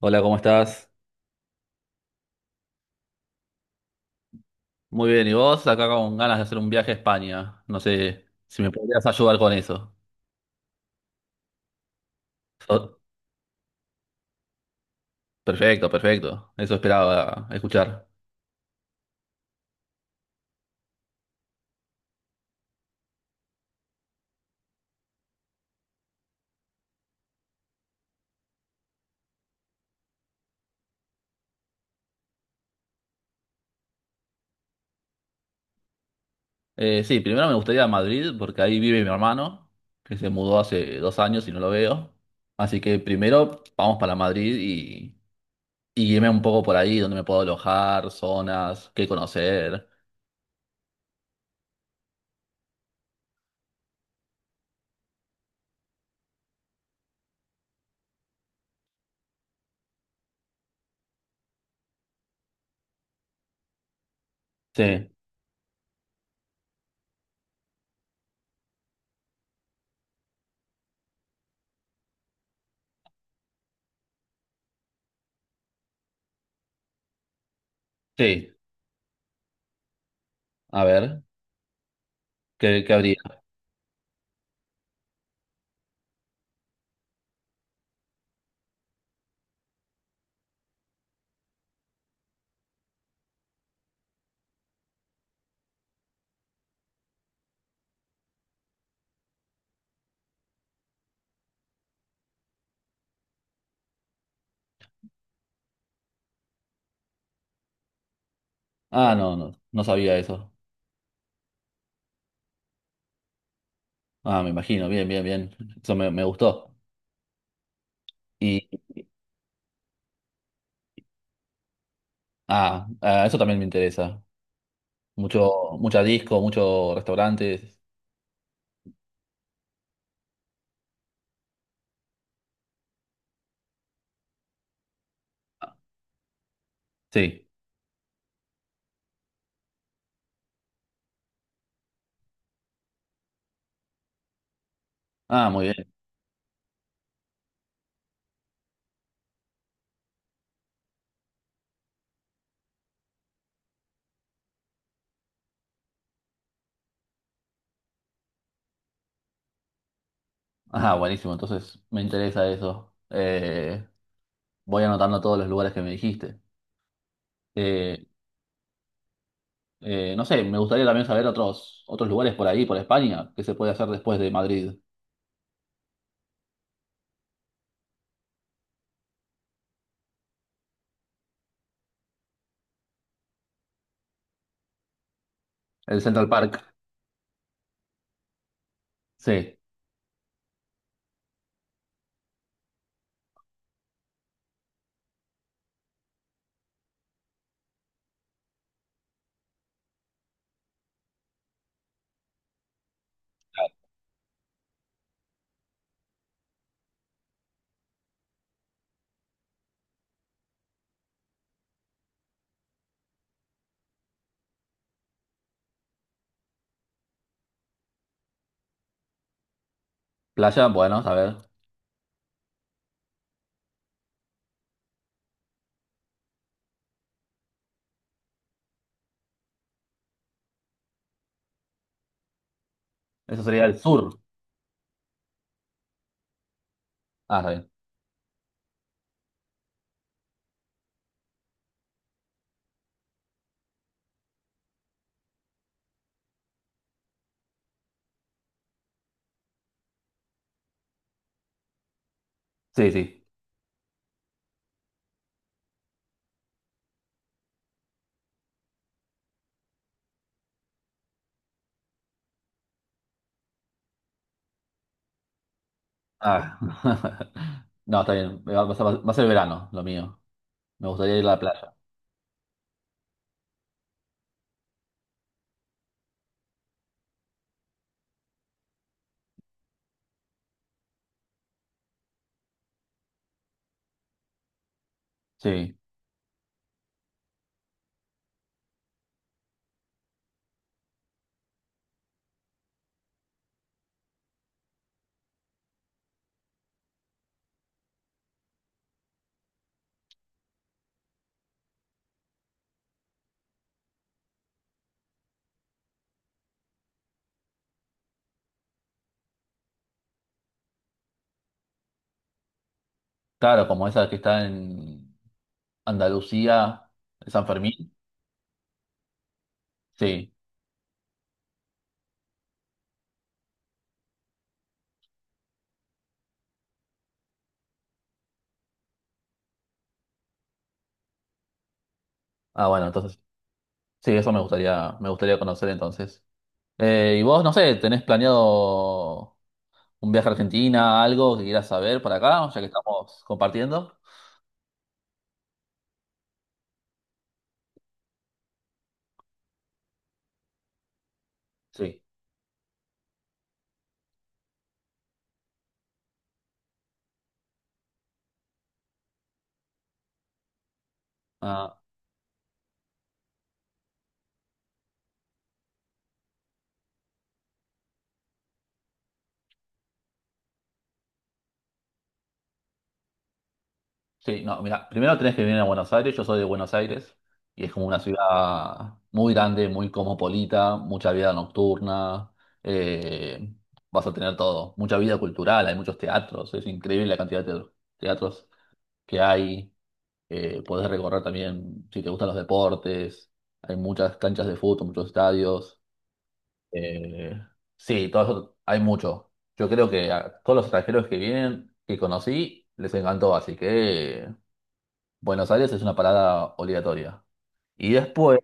Hola, ¿cómo estás? Muy bien, ¿y vos? Acá con ganas de hacer un viaje a España. No sé si me podrías ayudar con eso. So- Perfecto, perfecto. Eso esperaba escuchar. Sí, primero me gustaría Madrid porque ahí vive mi hermano, que se mudó hace dos años y no lo veo. Así que primero vamos para Madrid y guíeme un poco por ahí, donde me puedo alojar, zonas, qué conocer. Sí, sí. A ver, ¿qué habría? Ah, no, no, no sabía eso. Ah, me imagino. Bien, bien, bien. Eso me gustó. Y ah, ah, eso también me interesa. Mucho, mucha disco, muchos restaurantes. Sí. Ah, muy bien. Ah, buenísimo. Entonces me interesa eso. Voy anotando todos los lugares que me dijiste. Eh, no sé, me gustaría también saber otros, otros lugares por ahí, por España, que se puede hacer después de Madrid. El Central Park. Sí. Playa, bueno, a ver. Eso sería el sur. Ah, está bien. Sí, sí. Ah. No, está bien. Va a ser verano, lo mío. Me gustaría ir a la playa. Sí. Claro, como esa que está en Andalucía, San Fermín. Sí. Ah, bueno, entonces, sí, eso me gustaría conocer entonces. Y vos, no sé, ¿tenés planeado un viaje a Argentina, algo que quieras saber para acá, ya que estamos compartiendo? Sí. Sí, no, mira, primero tenés que venir a Buenos Aires, yo soy de Buenos Aires, y es como una ciudad muy grande, muy cosmopolita, mucha vida nocturna, eh, vas a tener todo, mucha vida cultural, hay muchos teatros, es increíble la cantidad de teatros que hay, podés recorrer también si te gustan los deportes, hay muchas canchas de fútbol, muchos estadios, eh, sí, todo eso, hay mucho. Yo creo que a todos los extranjeros que vienen, que conocí, les encantó, así que Buenos Aires es una parada obligatoria. Y después,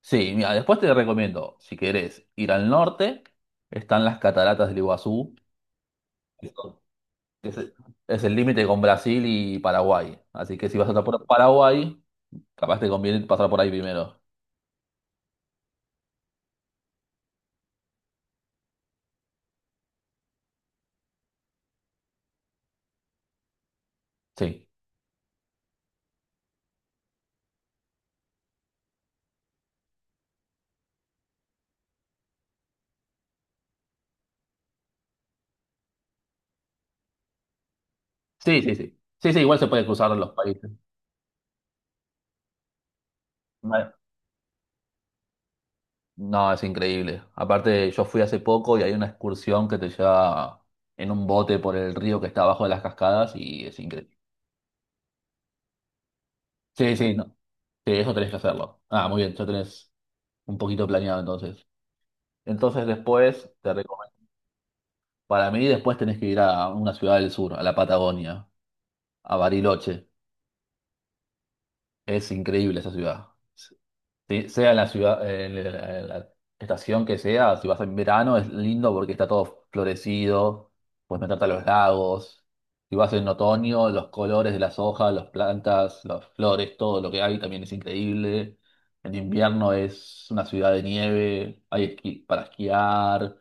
sí, mira, después te recomiendo, si querés ir al norte, están las cataratas del Iguazú, que son- que es el límite con Brasil y Paraguay. Así que si vas a por Paraguay, capaz te conviene pasar por ahí primero. Sí, sí, sí, sí. Sí, sí, igual se puede cruzar los países. Vale. No, es increíble. Aparte, yo fui hace poco y hay una excursión que te lleva en un bote por el río que está abajo de las cascadas y es increíble. Sí, sí, no. Sí, eso tenés que hacerlo. Ah, muy bien, ya tenés un poquito planeado entonces. Entonces después, te recomiendo, para mí después tenés que ir a una ciudad del sur, a la Patagonia, a Bariloche. Es increíble esa ciudad. Sí, sea en la ciudad, en la estación que sea, si vas en verano es lindo porque está todo florecido, puedes meterte a los lagos. Si vas en otoño, los colores de las hojas, las plantas, las flores, todo lo que hay también es increíble. En invierno es una ciudad de nieve, para esquiar,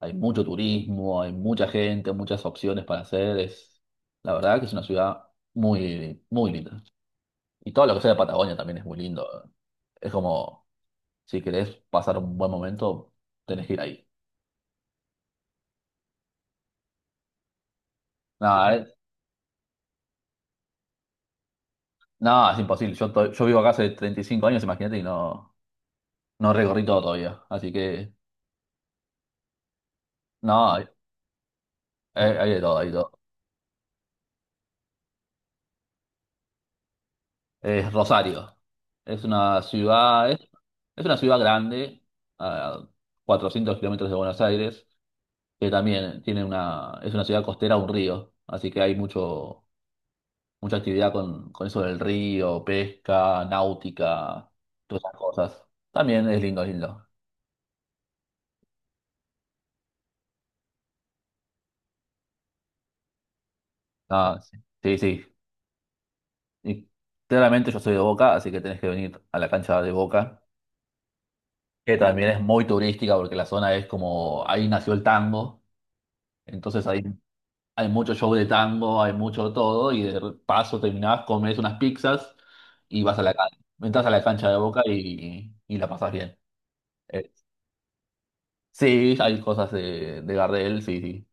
hay mucho turismo, hay mucha gente, muchas opciones para hacer. Es, la verdad que es una ciudad muy, muy linda. Y todo lo que sea de Patagonia también es muy lindo. Es como si querés pasar un buen momento, tenés que ir ahí. Nada, nada, es imposible. Yo vivo acá hace 35 años, imagínate, y no, no recorrí todo todavía. Así que, no, hay, hay de todo, hay de todo. Es Rosario. Es una ciudad, es, es una ciudad grande, a 400 kilómetros de Buenos Aires, que también tiene una, es una ciudad costera, un río. Así que hay mucho, mucha actividad con eso del río, pesca, náutica, todas esas cosas. También es lindo, es lindo. Ah, sí, sí, sí. Y claramente yo soy de Boca, así que tenés que venir a la cancha de Boca, que también es muy turística porque la zona es como, ahí nació el tango, entonces ahí hay mucho show de tango, hay mucho de todo, y de paso terminás, comes unas pizzas y vas a la cancha, entras a la cancha de Boca y, la pasás bien. Eh, sí, hay cosas de Gardel, sí, sí.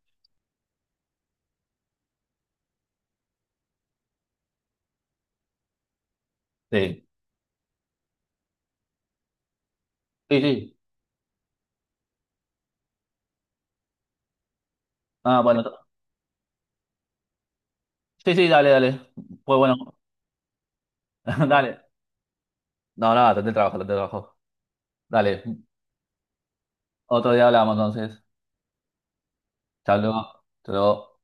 Sí, sí, sí. Ah, bueno, sí, sí, dale, dale. Pues bueno, dale. No, nada, no, traté el trabajo, traté el trabajo. Dale. Otro día hablamos entonces. Chao, luego. Hasta luego.